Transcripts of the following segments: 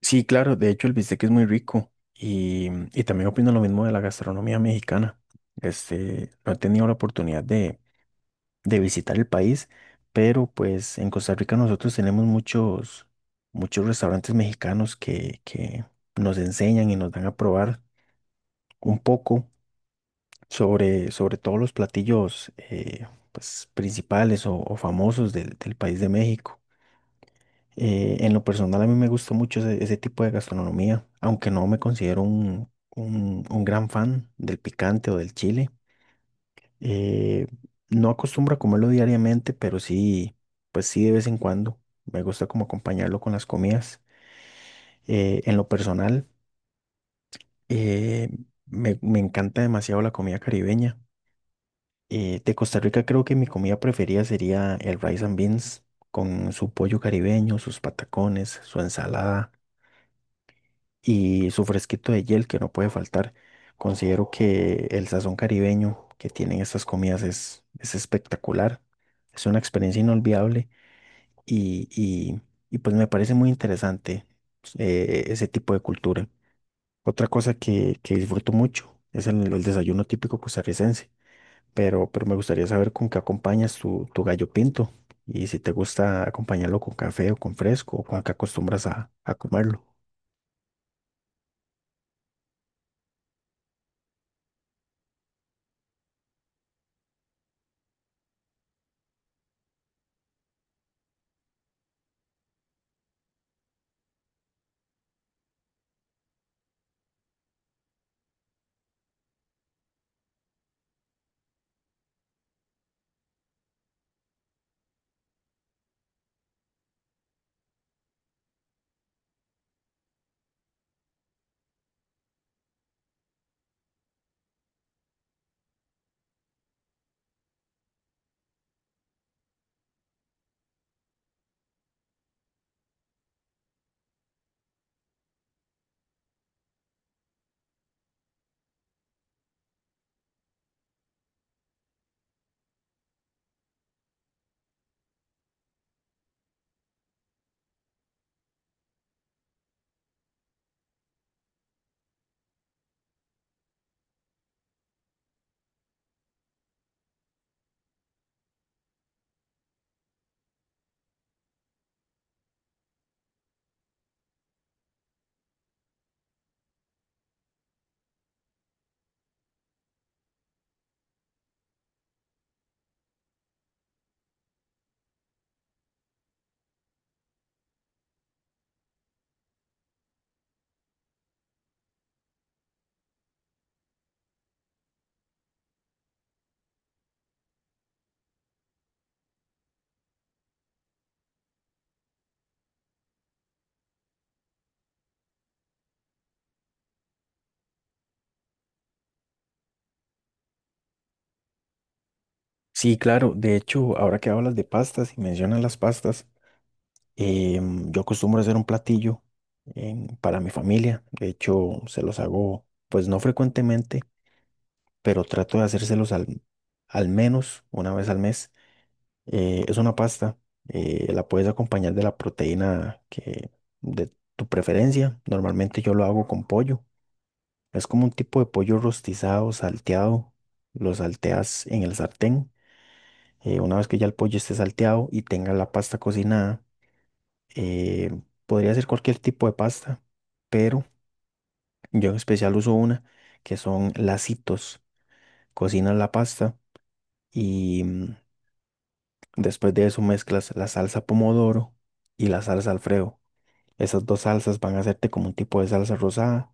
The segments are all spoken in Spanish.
Sí, claro, de hecho el bistec es muy rico y también opino lo mismo de la gastronomía mexicana. Este, no he tenido la oportunidad de visitar el país, pero pues en Costa Rica nosotros tenemos muchos restaurantes mexicanos que nos enseñan y nos dan a probar un poco sobre todos los platillos pues, principales o famosos del país de México. En lo personal a mí me gusta mucho ese tipo de gastronomía, aunque no me considero un gran fan del picante o del chile. Eh, no acostumbro a comerlo diariamente, pero sí, pues sí de vez en cuando. Me gusta como acompañarlo con las comidas. En lo personal, eh, me encanta demasiado la comida caribeña. De Costa Rica creo que mi comida preferida sería el rice and beans con su pollo caribeño, sus patacones, su ensalada y su fresquito de hiel que no puede faltar. Considero que el sazón caribeño que tienen estas comidas es espectacular, es una experiencia inolvidable y, y- y pues me parece muy interesante ese tipo de cultura. Otra cosa que disfruto mucho es el desayuno típico costarricense, pero me gustaría saber con qué acompañas tu gallo pinto y si te gusta acompañarlo con café o con fresco o con qué acostumbras a comerlo. Sí, claro. De hecho, ahora que hablas de pastas y mencionas las pastas, yo acostumbro hacer un platillo para mi familia. De hecho, se los hago, pues no frecuentemente, pero trato de hacérselos al menos una vez al mes. Es una pasta. La puedes acompañar de la proteína que de tu preferencia. Normalmente yo lo hago con pollo. Es como un tipo de pollo rostizado, salteado. Lo salteas en el sartén. Una vez que ya el pollo esté salteado y tenga la pasta cocinada, eh, podría ser cualquier tipo de pasta, pero yo en especial uso una que son lacitos. Cocinas la pasta y después de eso mezclas la salsa pomodoro y la salsa Alfredo. Esas dos salsas van a hacerte como un tipo de salsa rosada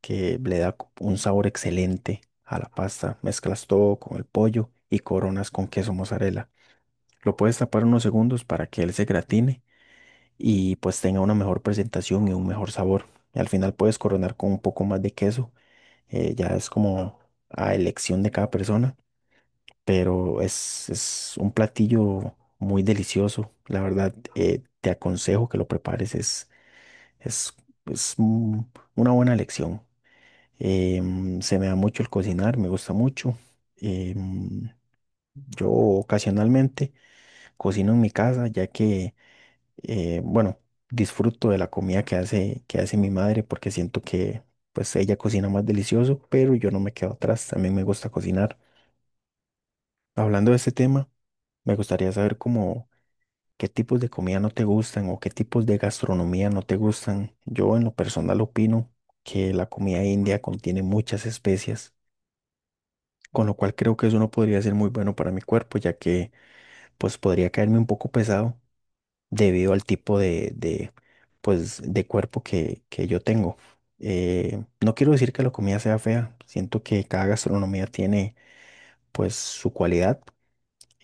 que le da un sabor excelente a la pasta. Mezclas todo con el pollo y coronas con queso mozzarella. Lo puedes tapar unos segundos para que él se gratine y pues tenga una mejor presentación y un mejor sabor. Y al final puedes coronar con un poco más de queso. Ya es como a elección de cada persona, pero es un platillo muy delicioso. La verdad, te aconsejo que lo prepares, es, es una buena elección. Se me da mucho el cocinar, me gusta mucho. Em, yo ocasionalmente cocino en mi casa, ya que bueno, disfruto de la comida que que hace mi madre porque siento que pues ella cocina más delicioso, pero yo no me quedo atrás, también me gusta cocinar. Hablando de este tema, me gustaría saber cómo qué tipos de comida no te gustan o qué tipos de gastronomía no te gustan. Yo en lo personal opino que la comida india contiene muchas especias, con lo cual creo que eso no podría ser muy bueno para mi cuerpo, ya que pues podría caerme un poco pesado debido al tipo de, pues, de cuerpo que yo tengo. No quiero decir que la comida sea fea, siento que cada gastronomía tiene pues su cualidad,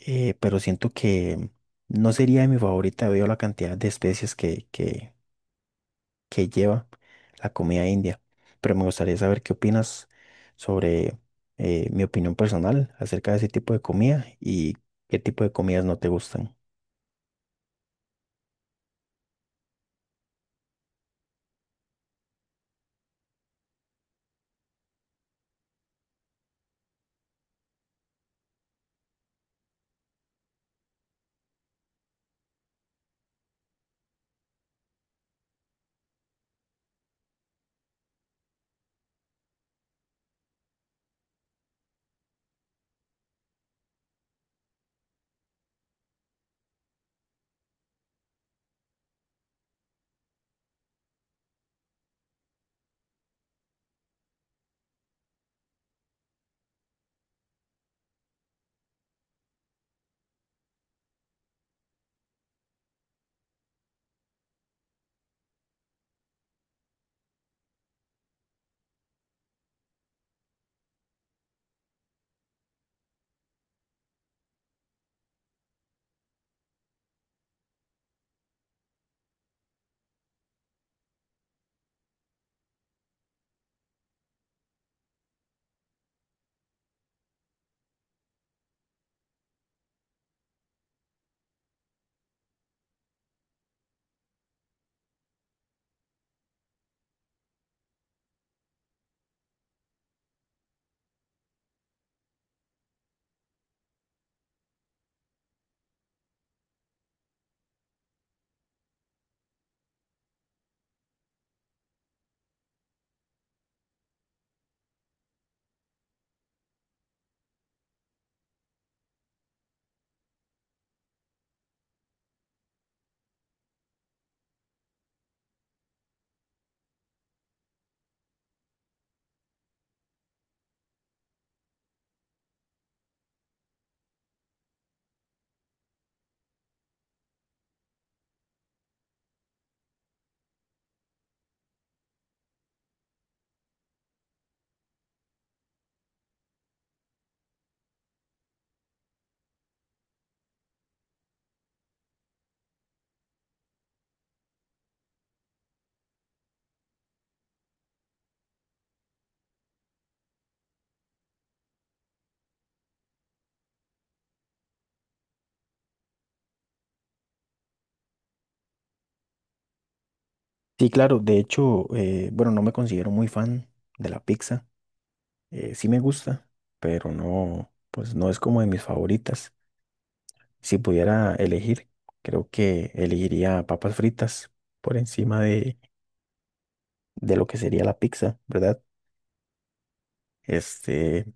pero siento que no sería mi favorita debido a la cantidad de especies que lleva la comida india. Pero me gustaría saber qué opinas sobre mi opinión personal acerca de ese tipo de comida y qué tipo de comidas no te gustan. Sí, claro, de hecho, bueno, no me considero muy fan de la pizza. Eh, sí me gusta, pero no, pues no es como de mis favoritas. Si pudiera elegir, creo que elegiría papas fritas por encima de lo que sería la pizza, ¿verdad? Este,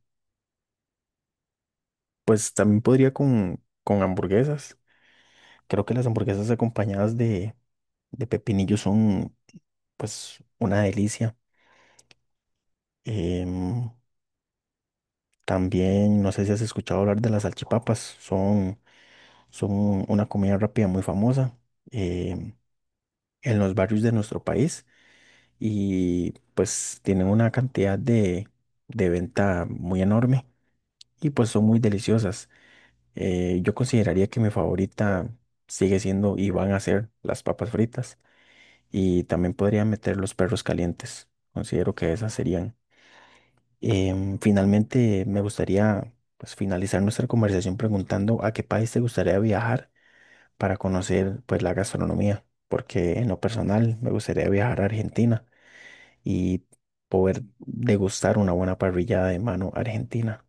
pues también podría con hamburguesas. Creo que las hamburguesas acompañadas de pepinillo son, pues, una delicia. Em, También, no sé si has escuchado hablar de las salchipapas, son son una comida rápida muy famosa eh, en los barrios de nuestro país y pues tienen una cantidad de venta muy enorme y pues son muy deliciosas. Yo consideraría que mi favorita sigue siendo y van a ser las papas fritas y también podría meter los perros calientes. Considero que esas serían. Finalmente me gustaría pues finalizar nuestra conversación preguntando a qué país te gustaría viajar para conocer pues la gastronomía, porque en lo personal me gustaría viajar a Argentina y poder degustar una buena parrillada de mano argentina.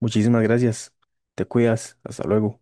Muchísimas gracias. Te cuidas. Hasta luego.